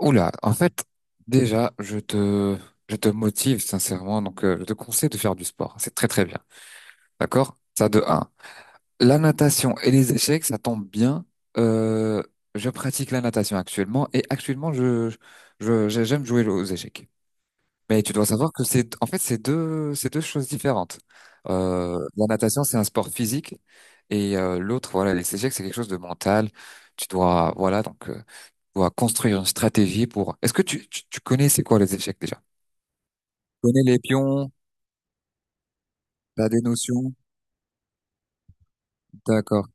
Oula, en fait, déjà, je te motive sincèrement, donc, je te conseille de faire du sport. C'est très très bien, d'accord? Ça de un. La natation et les échecs, ça tombe bien. Euh, je pratique la natation actuellement et actuellement, j'aime jouer aux échecs. Mais tu dois savoir que c'est, en fait, c'est deux choses différentes. La natation, c'est un sport physique et l'autre, voilà, les échecs, c'est quelque chose de mental. Tu dois, voilà, donc, dois construire une stratégie pour. Est-ce que tu connais c'est quoi les échecs déjà? Tu connais les pions? T'as des notions? D'accord.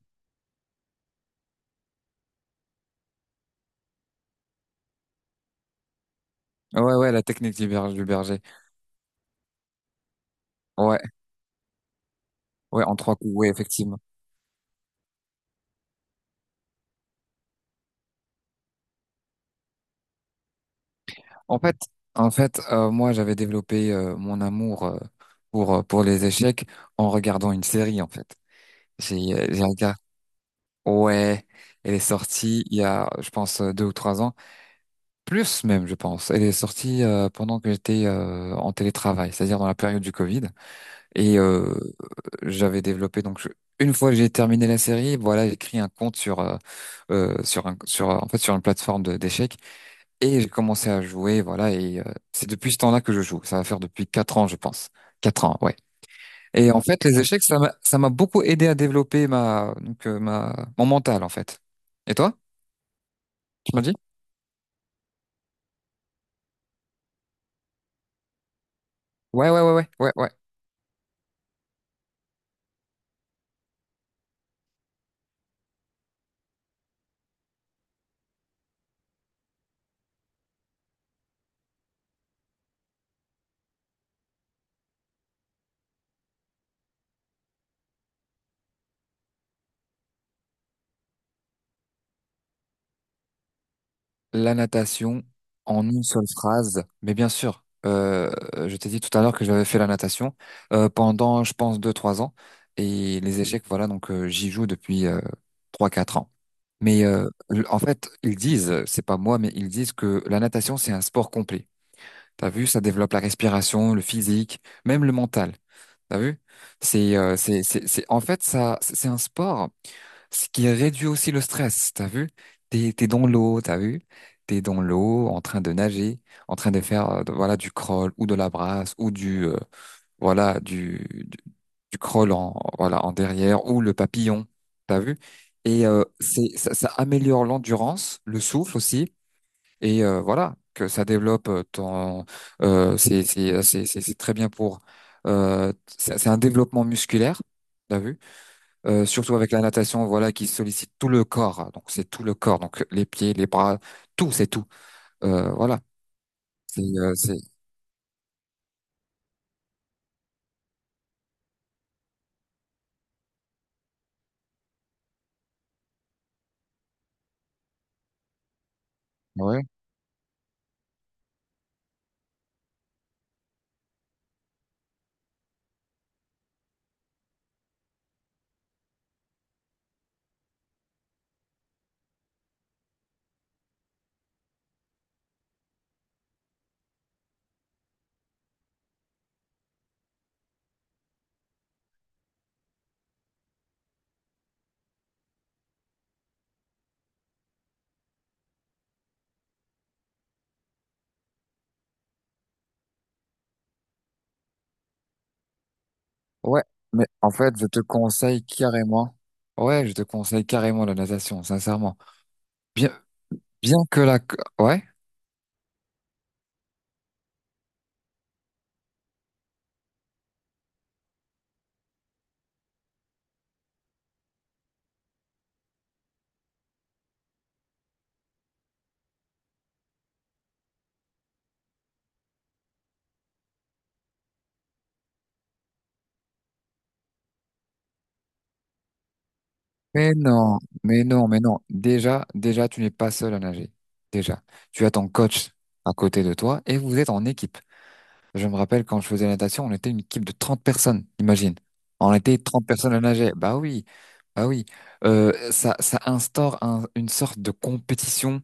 Ouais, ouais, la technique du berger. Ouais, ouais, en trois coups, ouais, effectivement. En fait, en fait, moi, j'avais développé mon amour pour les échecs en regardant une série, en fait. J'ai regardé. Ouais, elle est sortie il y a, je pense, 2 ou 3 ans, plus même, je pense. Elle est sortie pendant que j'étais en télétravail, c'est-à-dire dans la période du Covid. Et j'avais développé donc. Une fois que j'ai terminé la série, voilà, j'ai créé un compte sur un sur en fait sur une plateforme d'échecs et j'ai commencé à jouer, voilà, et c'est depuis ce temps-là que je joue. Ça va faire depuis 4 ans, je pense. 4 ans, ouais. Et en fait, les échecs, ça m'a beaucoup aidé à développer ma donc ma mon mental en fait. Et toi, tu m'as dit? Ouais, ouais, ouais, ouais, ouais, ouais. La natation en une seule phrase, mais bien sûr, je t'ai dit tout à l'heure que j'avais fait la natation pendant, je pense, 2, 3 ans. Et les échecs, voilà, donc j'y joue depuis 3, 4 ans. Mais en fait, ils disent, c'est pas moi, mais ils disent que la natation, c'est un sport complet. T'as vu, ça développe la respiration, le physique, même le mental. T'as vu? C'est, en fait, ça, c'est un sport, ce qui réduit aussi le stress. T'as vu? T'es dans l'eau, t'as vu? T'es dans l'eau, en train de nager, en train de faire, voilà, du crawl ou de la brasse ou voilà, du crawl en, voilà, en derrière ou le papillon. T'as vu? Et ça améliore l'endurance, le souffle aussi et voilà que ça développe ton, c'est très bien pour, c'est un développement musculaire, t'as vu. Surtout avec la natation, voilà, qui sollicite tout le corps, donc c'est tout le corps, donc les pieds, les bras, tout c'est tout. Voilà, c'est ouais, ouais, mais en fait je te conseille carrément, ouais, je te conseille carrément la natation, sincèrement, bien, bien que la, ouais. Mais non, mais non, mais non. Déjà, tu n'es pas seul à nager. Déjà, tu as ton coach à côté de toi et vous êtes en équipe. Je me rappelle quand je faisais la natation, on était une équipe de 30 personnes, imagine. On était 30 personnes à nager. Bah oui, bah oui. Ça instaure une sorte de compétition.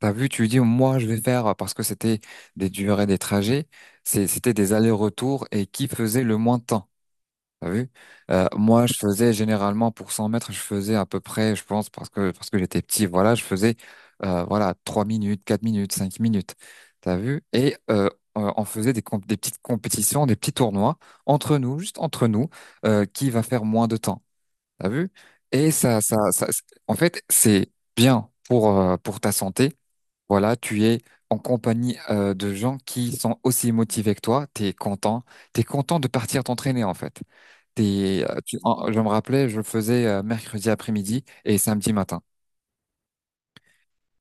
T'as vu, tu dis, moi, je vais faire parce que c'était des durées, des trajets. C'était des allers-retours et qui faisait le moins de temps. T'as vu? Moi, je faisais généralement pour 100 mètres, je faisais à peu près, je pense, parce que j'étais petit, voilà, je faisais, voilà, 3 minutes, 4 minutes, 5 minutes. T'as vu? Et on faisait des, des petites compétitions, des petits tournois entre nous, juste entre nous, qui va faire moins de temps. T'as vu? Et ça, en fait, c'est bien pour, pour ta santé. Voilà, tu es en compagnie, de gens qui sont aussi motivés que toi. T'es content de partir t'entraîner en fait. Je me rappelais, je le faisais mercredi après-midi et samedi matin.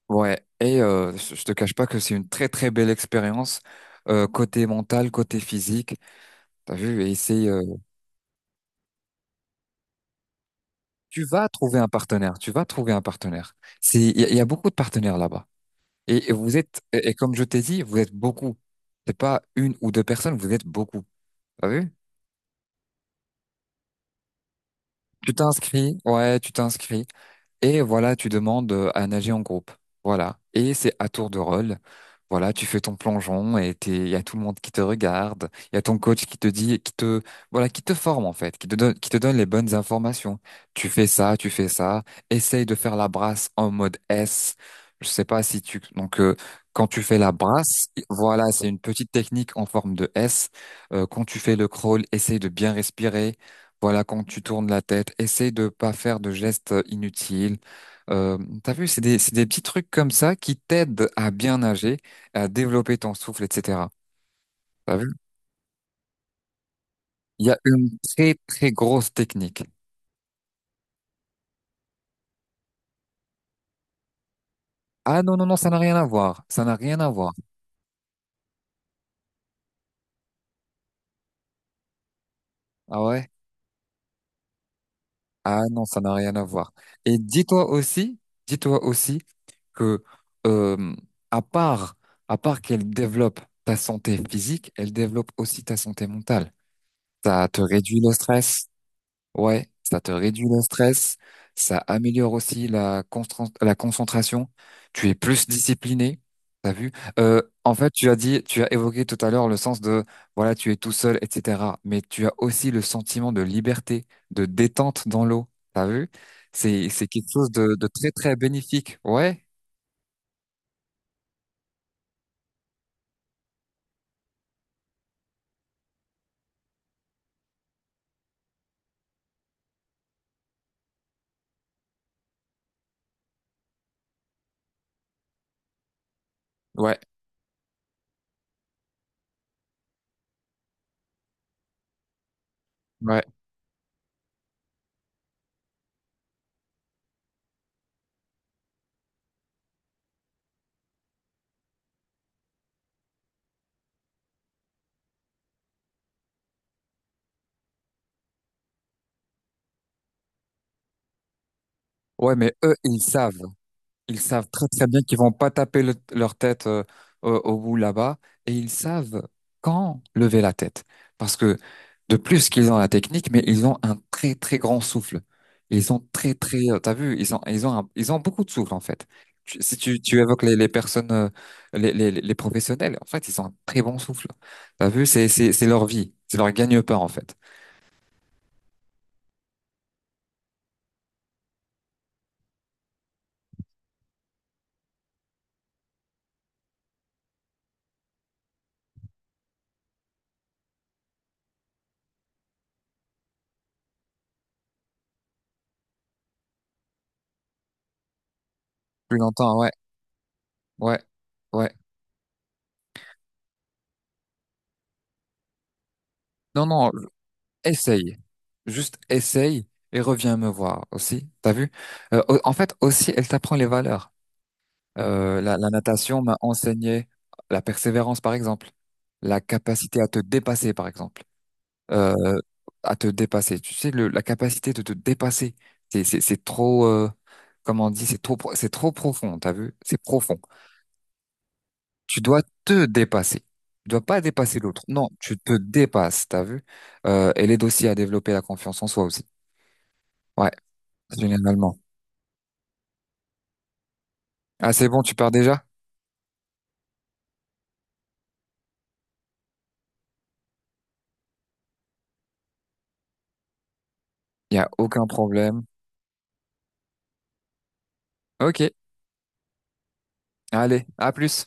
Ouais, et je te cache pas que c'est une très très belle expérience, côté mental, côté physique. T'as vu, et c'est tu vas trouver un partenaire, tu vas trouver un partenaire. C'est il y a beaucoup de partenaires là-bas. Et vous êtes, et comme je t'ai dit, vous êtes beaucoup. C'est pas une ou deux personnes, vous êtes beaucoup. T'as vu? Tu t'inscris, ouais, tu t'inscris. Et voilà, tu demandes, à nager en groupe. Voilà. Et c'est à tour de rôle. Voilà, tu fais ton plongeon et il y a tout le monde qui te regarde. Il y a ton coach qui te dit, qui te, voilà, qui te forme en fait, qui te donne les bonnes informations. Tu fais ça, tu fais ça. Essaye de faire la brasse en mode S. Je sais pas si tu, donc, quand tu fais la brasse, voilà, c'est une petite technique en forme de S. Quand tu fais le crawl, essaye de bien respirer. Voilà, quand tu tournes la tête, essaye de pas faire de gestes, inutiles. Euh, T'as vu, c'est des petits trucs comme ça qui t'aident à bien nager, à développer ton souffle, etc. T'as vu? Il y a une très, très grosse technique. Ah non, non, non, ça n'a rien à voir. Ça n'a rien à voir. Ah ouais? Ah non, ça n'a rien à voir. Et dis-toi aussi que, euh, à part, à part, qu'elle développe ta santé physique, elle développe aussi ta santé mentale. Ça te réduit le stress, ouais, ça te réduit le stress, ça améliore aussi la concentration, tu es plus discipliné, t'as vu? En fait, tu as évoqué tout à l'heure le sens de, voilà, tu es tout seul, etc. Mais tu as aussi le sentiment de liberté, de détente dans l'eau, t'as vu? C'est quelque chose de, très, très bénéfique. Ouais, ouais, ouais, ouais, mais eux, ils savent. Ils savent très très bien qu'ils vont pas taper leur tête, au bout là-bas et ils savent quand lever la tête. Parce que de plus qu'ils ont la technique, mais ils ont un très très grand souffle. Ils ont très très, t'as vu, ils ont beaucoup de souffle en fait. Si tu évoques les personnes, les professionnels, en fait, ils ont un très bon souffle. T'as vu, c'est leur vie, c'est leur gagne-pain en fait. Plus longtemps, ouais, ouais, ouais. Non, non, essaye. Juste essaye et reviens me voir aussi. T'as vu? En fait, aussi, elle t'apprend les valeurs. La natation m'a enseigné la persévérance, par exemple. La capacité à te dépasser, par exemple. Euh, à te dépasser. Tu sais, la capacité de te dépasser, c'est trop, comment on dit, c'est trop, c'est trop profond, t'as vu? C'est profond. Tu dois te dépasser. Tu dois pas dépasser l'autre. Non, tu te dépasses, t'as vu? Elle aide aussi à développer la confiance en soi aussi. Ouais. Généralement. Ah, c'est bon, tu pars déjà? Il n'y a aucun problème. Ok, allez, à plus.